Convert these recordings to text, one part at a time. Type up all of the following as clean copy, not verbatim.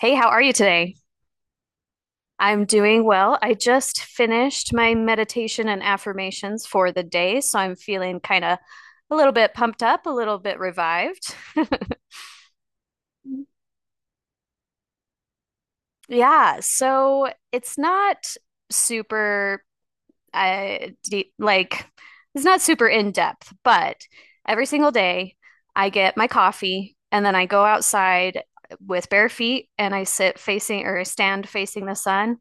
Hey, how are you today? I'm doing well. I just finished my meditation and affirmations for the day, so I'm feeling kind of a little bit pumped up, a little bit revived. Yeah, so it's not super uh deep, like it's not super in depth, but every single day I get my coffee and then I go outside with bare feet and I sit facing or I stand facing the sun.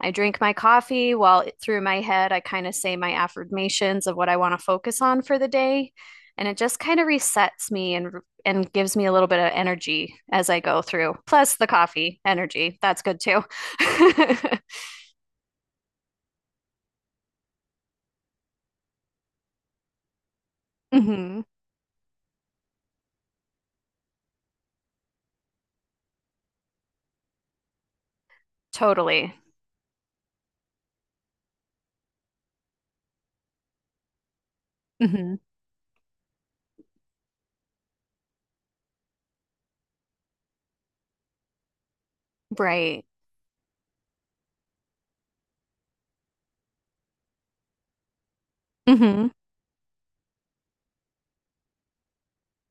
I drink my coffee while through my head, I kind of say my affirmations of what I want to focus on for the day. And it just kind of resets me and gives me a little bit of energy as I go through. Plus the coffee energy. That's good too. Hmm. Totally. Hmm. Right. Hmm.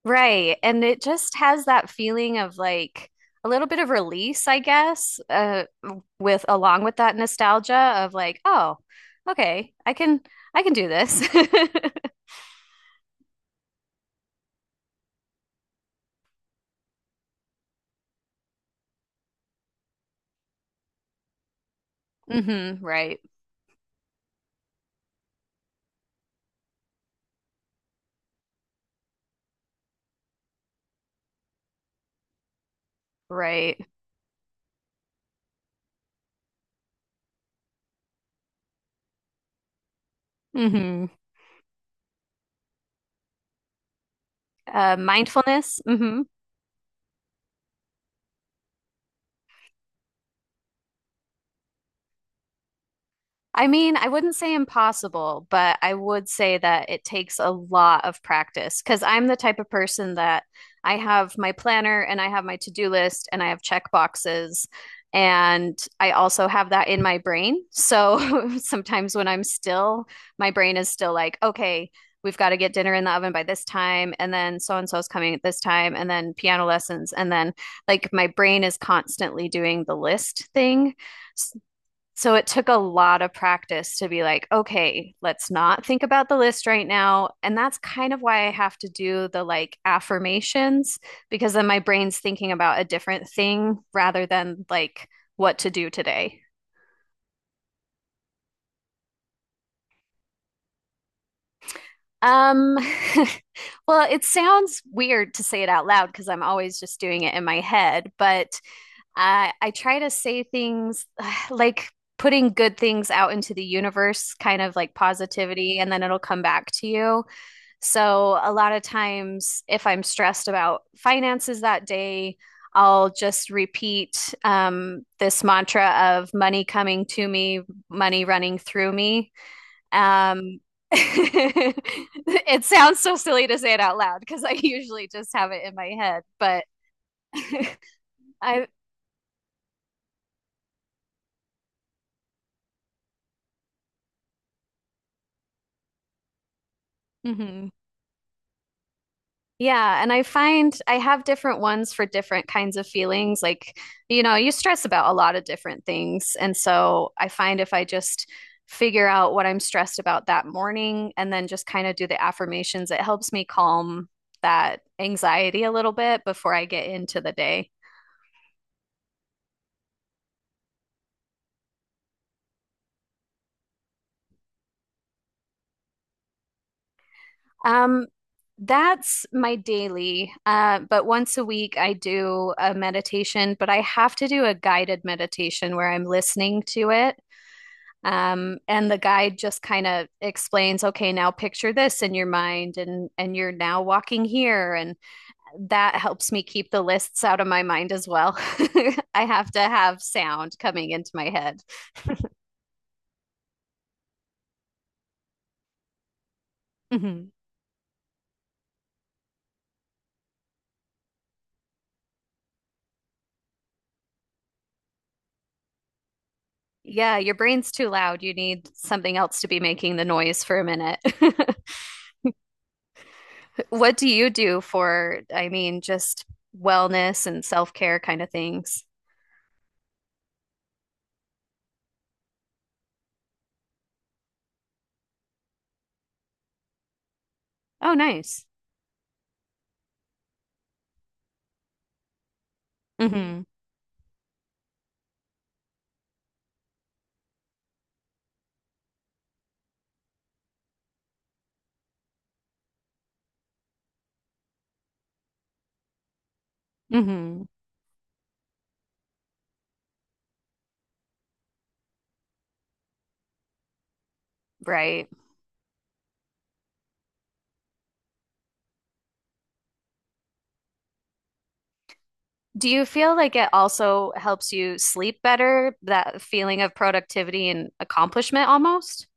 Right. And it just has that feeling of like a little bit of release, I guess, with along with that nostalgia of like, oh, okay, I can do this. Hmm. Right. Right. Hmm. Mindfulness. Hmm. I mean, I wouldn't say impossible, but I would say that it takes a lot of practice because I'm the type of person that I have my planner and I have my to-do list and I have check boxes and I also have that in my brain. So sometimes when I'm still, my brain is still like, okay, we've got to get dinner in the oven by this time and then so and so is coming at this time and then piano lessons and then like my brain is constantly doing the list thing, so it took a lot of practice to be like, okay, let's not think about the list right now. And that's kind of why I have to do the like affirmations, because then my brain's thinking about a different thing rather than like what to do today. Um, well, it sounds weird to say it out loud because I'm always just doing it in my head, but I try to say things like putting good things out into the universe, kind of like positivity, and then it'll come back to you. So a lot of times, if I'm stressed about finances that day, I'll just repeat this mantra of money coming to me, money running through me. Um, it sounds so silly to say it out loud because I usually just have it in my head, but I, mhm. Yeah, and I find I have different ones for different kinds of feelings. Like, you know, you stress about a lot of different things. And so I find if I just figure out what I'm stressed about that morning and then just kind of do the affirmations, it helps me calm that anxiety a little bit before I get into the day. Um, that's my daily. But once a week, I do a meditation, but I have to do a guided meditation where I'm listening to it. And the guide just kind of explains, okay, now picture this in your mind, and you're now walking here, and that helps me keep the lists out of my mind as well. I have to have sound coming into my head. Mhm. Yeah, your brain's too loud. You need something else to be making the noise for a minute. What do you do for, I mean, just wellness and self-care kind of things? Oh, nice. Hmm. Hmm. Right. Do you feel like it also helps you sleep better, that feeling of productivity and accomplishment almost?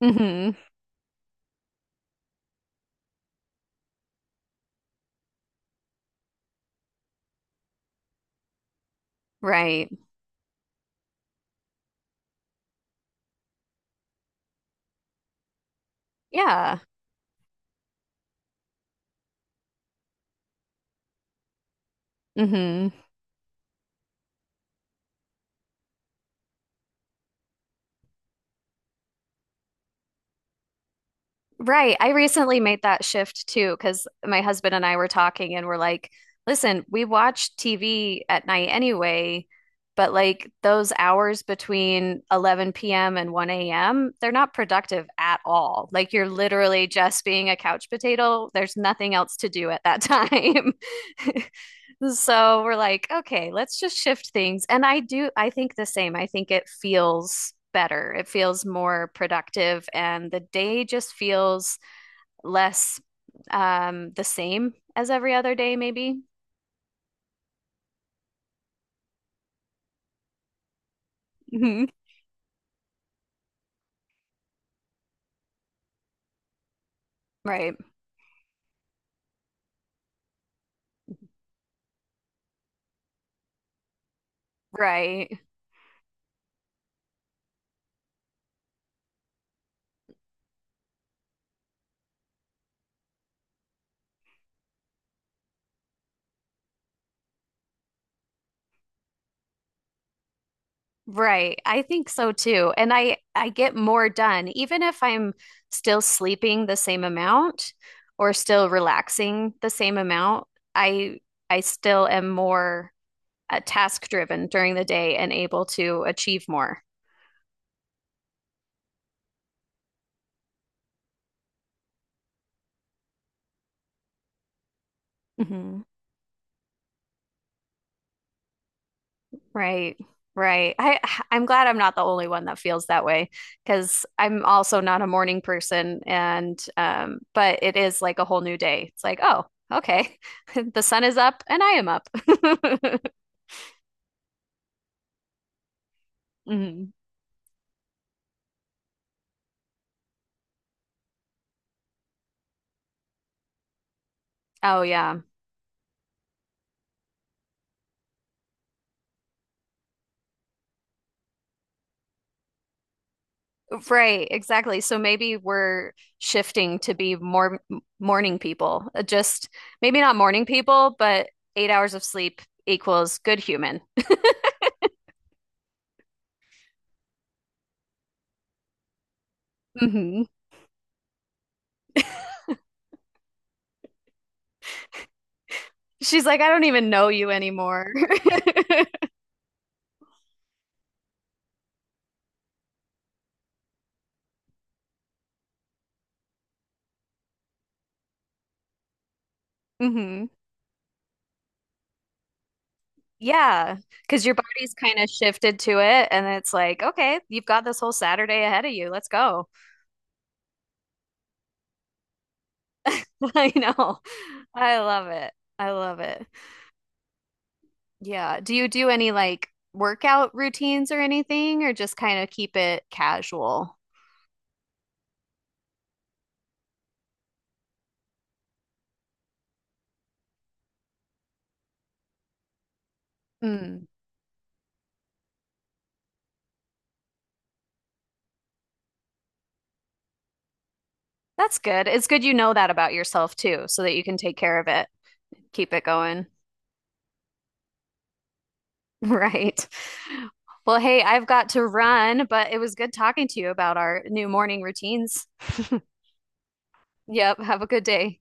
Hmm. Right. Yeah. Hmm. Right. I recently made that shift too, because my husband and I were talking and we're like, listen, we watch TV at night anyway, but like those hours between 11 p.m. and 1 a.m., they're not productive at all. Like you're literally just being a couch potato. There's nothing else to do at that time. So we're like, okay, let's just shift things. And I do, I think the same. I think it feels better. It feels more productive, and the day just feels less the same as every other day, maybe. Mhm. Right, right, right. I think so too. And I get more done, even if I'm still sleeping the same amount or still relaxing the same amount. I I still am more task driven during the day and able to achieve more. Hmm. Right. Right. I'm glad I'm not the only one that feels that way because I'm also not a morning person and but it is like a whole new day. It's like, oh, okay. The sun is up and I am up. Hmm. Oh yeah. Right, exactly. So maybe we're shifting to be more morning people. Just maybe not morning people, but 8 hours of sleep equals good human. Hmm. She's like, I don't even know you anymore. Hmm. Yeah, because your body's kind of shifted to it, and it's like, okay, you've got this whole Saturday ahead of you. Let's go. I know. I love it. I love it. Yeah. Do you do any like workout routines or anything, or just kind of keep it casual? Mm, that's good. It's good you know that about yourself too, so that you can take care of it, keep it going. Right. Well, hey, I've got to run, but it was good talking to you about our new morning routines. Yep. Have a good day.